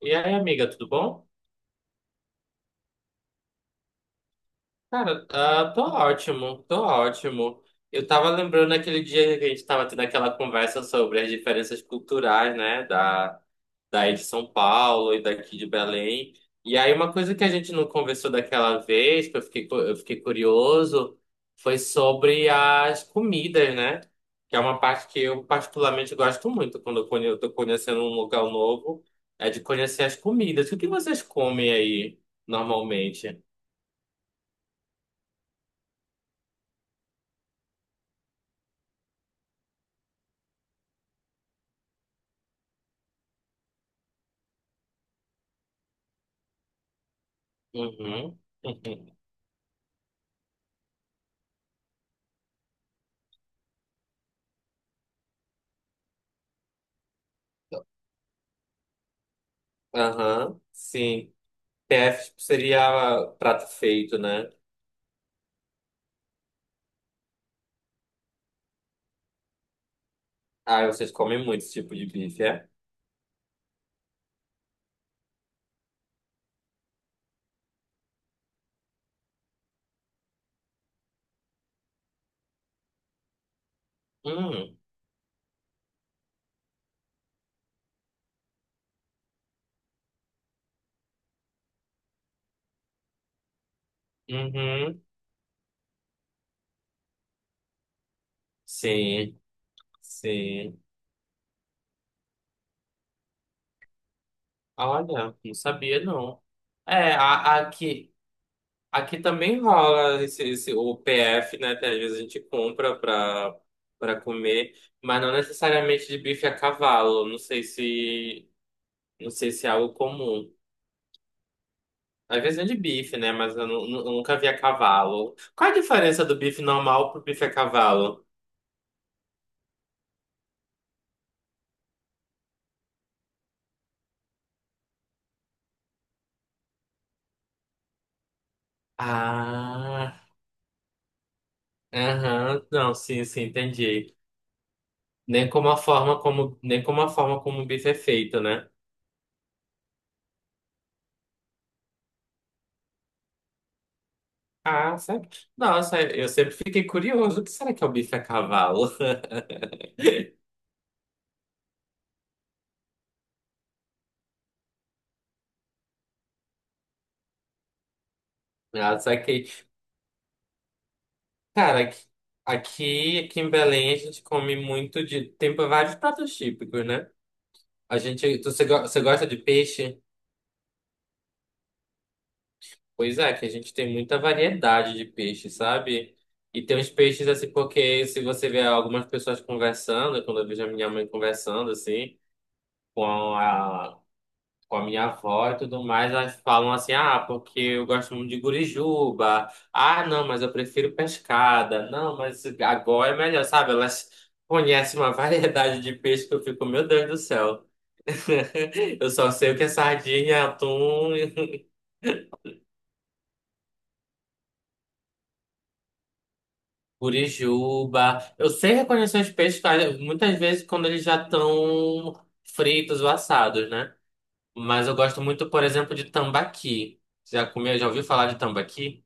E aí, amiga, tudo bom? Cara, ah, tô ótimo, tô ótimo. Eu tava lembrando aquele dia que a gente tava tendo aquela conversa sobre as diferenças culturais, né, daí de São Paulo e daqui de Belém. E aí, uma coisa que a gente não conversou daquela vez, que eu fiquei curioso, foi sobre as comidas, né? Que é uma parte que eu particularmente gosto muito quando eu tô conhecendo um lugar novo, é de conhecer as comidas. O que vocês comem aí normalmente? Uhum. Uhum. Aham, sim. PF, tipo, seria prato feito, né? Ah, vocês comem muito esse tipo de bife, é? Hum, uhum. Sim, sim. Olha, não sabia não. É, aqui também rola o PF, né? Que às vezes a gente compra pra comer, mas não necessariamente de bife a cavalo. Não sei se é algo comum. Às vezes vende bife, né? Mas eu nunca vi a cavalo. Qual a diferença do bife normal pro bife a cavalo? Ah, aham, não, sim, sim, entendi. Nem como a forma como, nem como a forma como o bife é feito, né? Ah, sabe? Nossa, eu sempre fiquei curioso. O que será que é o bife a cavalo? Ah, saquei. Cara, aqui em Belém a gente come muito de... Tem vários pratos típicos, né? A gente... tu- Você go- Você gosta de peixe? Pois é, que a gente tem muita variedade de peixe, sabe? E tem uns peixes assim, porque se você vê algumas pessoas conversando, quando eu vejo a minha mãe conversando assim, com a, a minha avó e tudo mais, elas falam assim: ah, porque eu gosto muito de gurijuba, ah, não, mas eu prefiro pescada, não, mas agora é melhor, sabe? Elas conhecem uma variedade de peixe que eu fico, meu Deus do céu, eu só sei o que é sardinha, atum. Curijuba. Eu sei reconhecer os peixes, claro, muitas vezes quando eles já estão fritos ou assados, né? Mas eu gosto muito, por exemplo, de tambaqui. Você já comeu, já ouviu falar de tambaqui?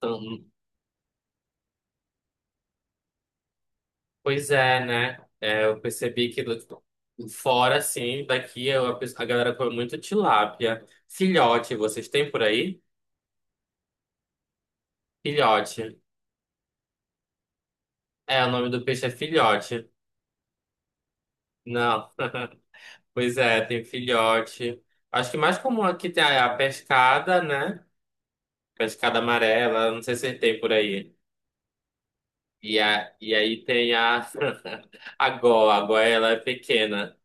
Tam- Pois é, né? É, eu percebi que tipo, fora, assim, daqui a galera come muito tilápia. Filhote, vocês têm por aí? Filhote. É, o nome do peixe é filhote. Não, pois é, tem filhote. Acho que mais comum aqui tem a pescada, né? Pescada amarela, não sei se tem por aí. E aí tem a. A Gó, ela é pequena.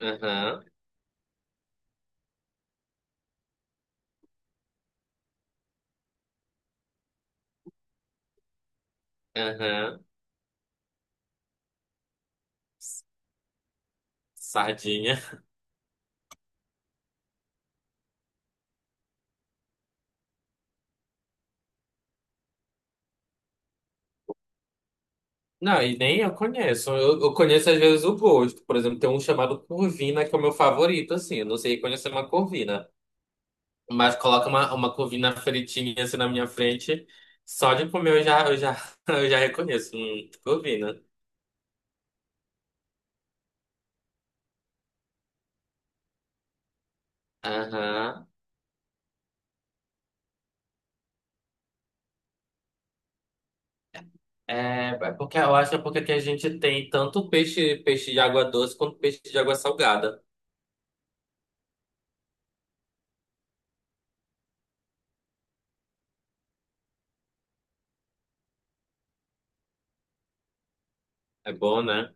Aham, aham. Sardinha. Não, e nem eu conheço. Eu conheço às vezes o gosto. Por exemplo, tem um chamado corvina, que é o meu favorito, assim. Eu não sei conhecer uma corvina. Mas coloca uma corvina fritinha assim na minha frente. Só de comer eu já reconheço. Corvina. Aham. É porque eu acho que é porque aqui a gente tem tanto peixe, peixe de água doce quanto peixe de água salgada. É bom, né?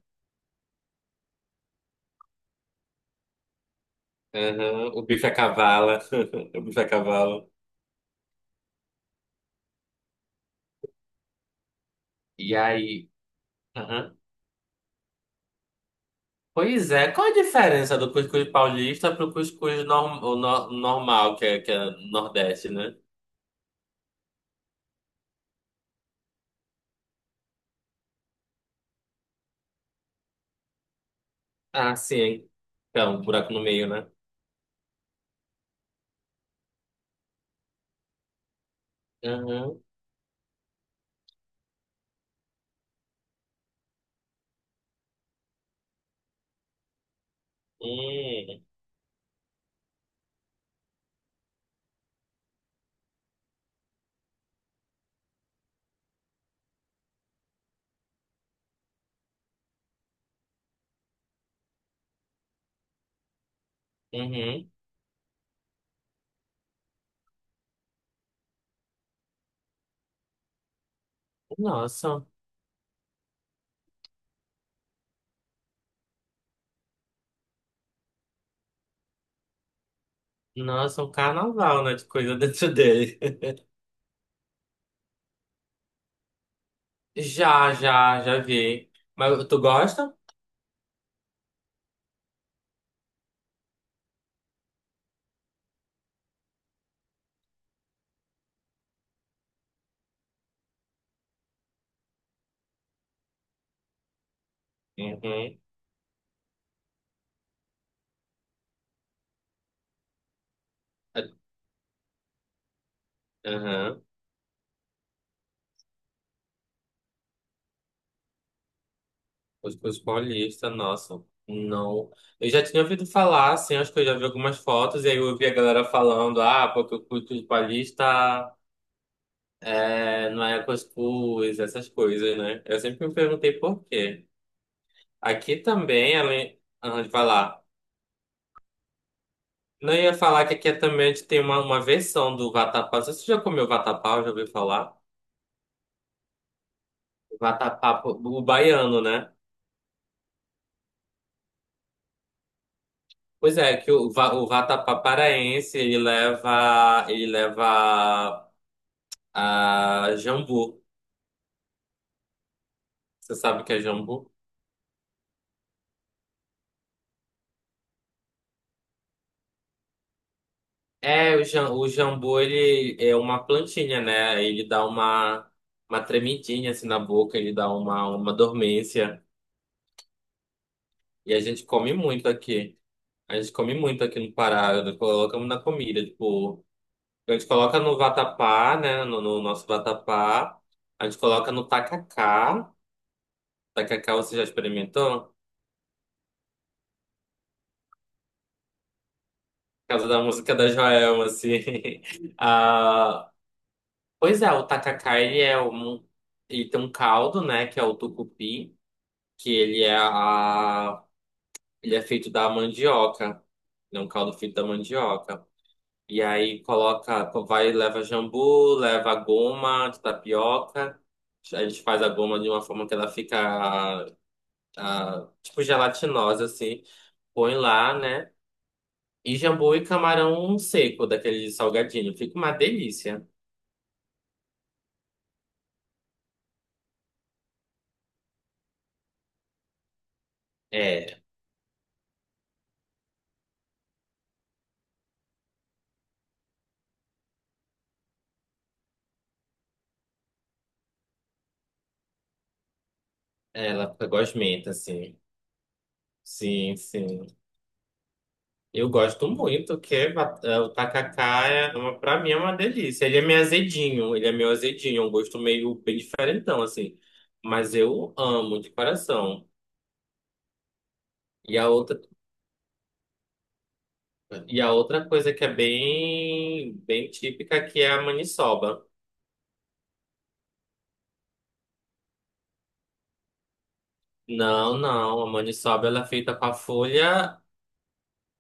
Aham, o bife a cavala. O bife a cavalo. E aí? Aham. Pois é, qual a diferença do cuscuz paulista pro cuscuz norm, o no- normal, que é Nordeste, né? Ah, sim. Então, um buraco no meio, né? Uhum. Hum, uhum. Nossa, nossa, um carnaval, né, de coisa dentro dele. Já, já, já vi. Mas tu gosta? Uhum. É, aham. Os paulistas, nossa. Não. Eu já tinha ouvido falar, assim, acho que eu já vi algumas fotos, e aí eu ouvi a galera falando: ah, porque o culto de paulista é, não é cuscuz, essas coisas, né? Eu sempre me perguntei por quê. Aqui também, além, ah, vai lá. Não, eu ia falar que aqui é também a gente tem uma versão do vatapá. Você já comeu vatapá? Já ouviu falar? Vatapá, o baiano, né? Pois é, o vatapá paraense, ele leva a jambu. Você sabe o que é jambu? O jambu, ele é uma plantinha, né? Ele dá uma tremidinha assim na boca, ele dá uma dormência. E a gente come muito aqui. A gente come muito aqui no Pará, nós colocamos na comida, tipo, a gente coloca no vatapá, né, no nosso vatapá, a gente coloca no tacacá. Tacacá, você já experimentou? Causa da música da Joelma, assim. Ah, pois é, o tacacá, ele é um... Ele tem um caldo, né, que é o tucupi, que ele é a... Ele é feito da mandioca. Ele é um caldo feito da mandioca. E aí coloca, vai, leva jambu, leva goma de tapioca. A gente faz a goma de uma forma que ela fica, tipo, gelatinosa, assim. Põe lá, né? E jambu e camarão seco, daquele salgadinho. Fica uma delícia. É, ela fica gosmenta, assim. Sim, sim. Eu gosto muito, que é ba- é, o tacacá, é uma, pra mim, é uma delícia. Ele é meio azedinho, ele é meio azedinho. É um gosto meio bem diferentão, assim. Mas eu amo, de coração. E a outra, e a outra coisa que é bem, bem típica, que é a maniçoba. Não, não. A maniçoba, ela é feita com a folha...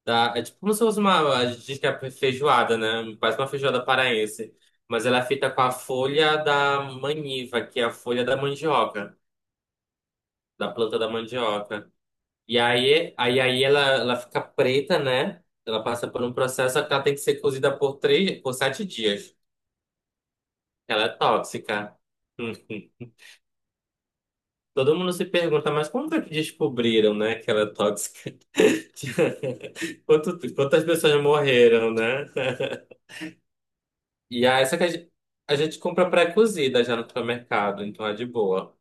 Tá? É tipo como se fosse uma. A gente diz que é feijoada, né? Quase uma feijoada paraense. Mas ela é feita com a folha da maniva, que é a folha da mandioca, da planta da mandioca. E aí ela fica preta, né? Ela passa por um processo que ela tem que ser cozida por três, por sete dias. Ela é tóxica. Hum. Todo mundo se pergunta, mas como é que descobriram, né, que ela é tóxica? Quantas pessoas morreram, né? E aí, só que a gente compra pré-cozida já no supermercado, então é de boa.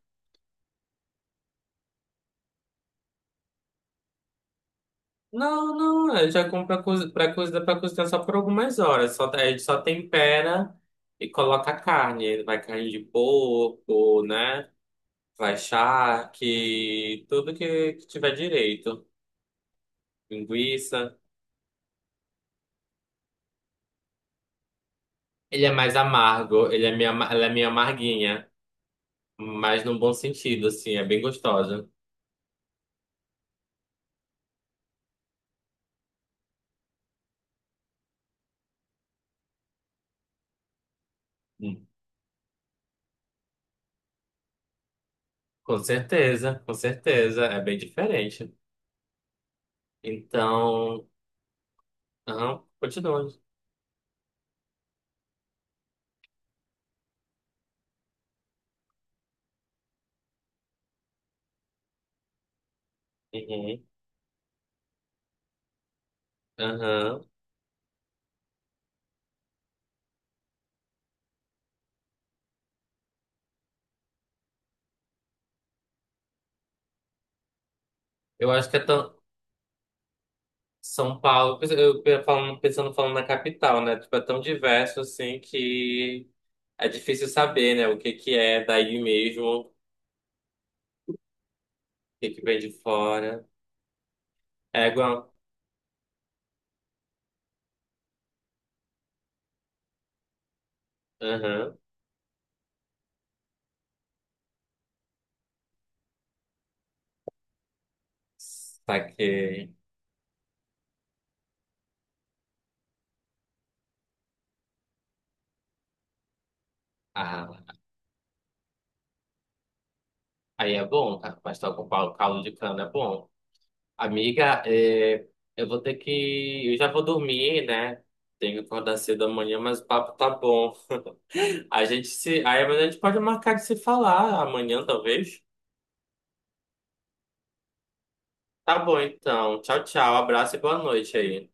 Não, não, a gente já compra pré-cozida pra cozinhar só por algumas horas. Só, a gente só tempera e coloca a carne. Vai carne de porco, né? Vai charque, tudo que tiver direito. Linguiça. Ele é mais amargo, ele é meio, ama- ela é meio amarguinha, mas num bom sentido, assim, é bem gostosa. Hum. Com certeza, é bem diferente. Então. Aham, continua. Uhum, aham. Eu acho que é tão. São Paulo, falando, pensando falando na capital, né? Tipo, é tão diverso assim que é difícil saber, né? O que que é daí mesmo, o que que vem de fora. É igual. Aham. Saquei. Ah, aí é bom, cara. Pastel com caldo de cana é bom. Amiga, é, eu vou ter que. Eu já vou dormir, né? Tenho que acordar cedo amanhã, mas o papo tá bom. A gente se. Aí mas a gente pode marcar de se falar amanhã, talvez. Tá bom, então. Tchau, tchau. Abraço e boa noite aí.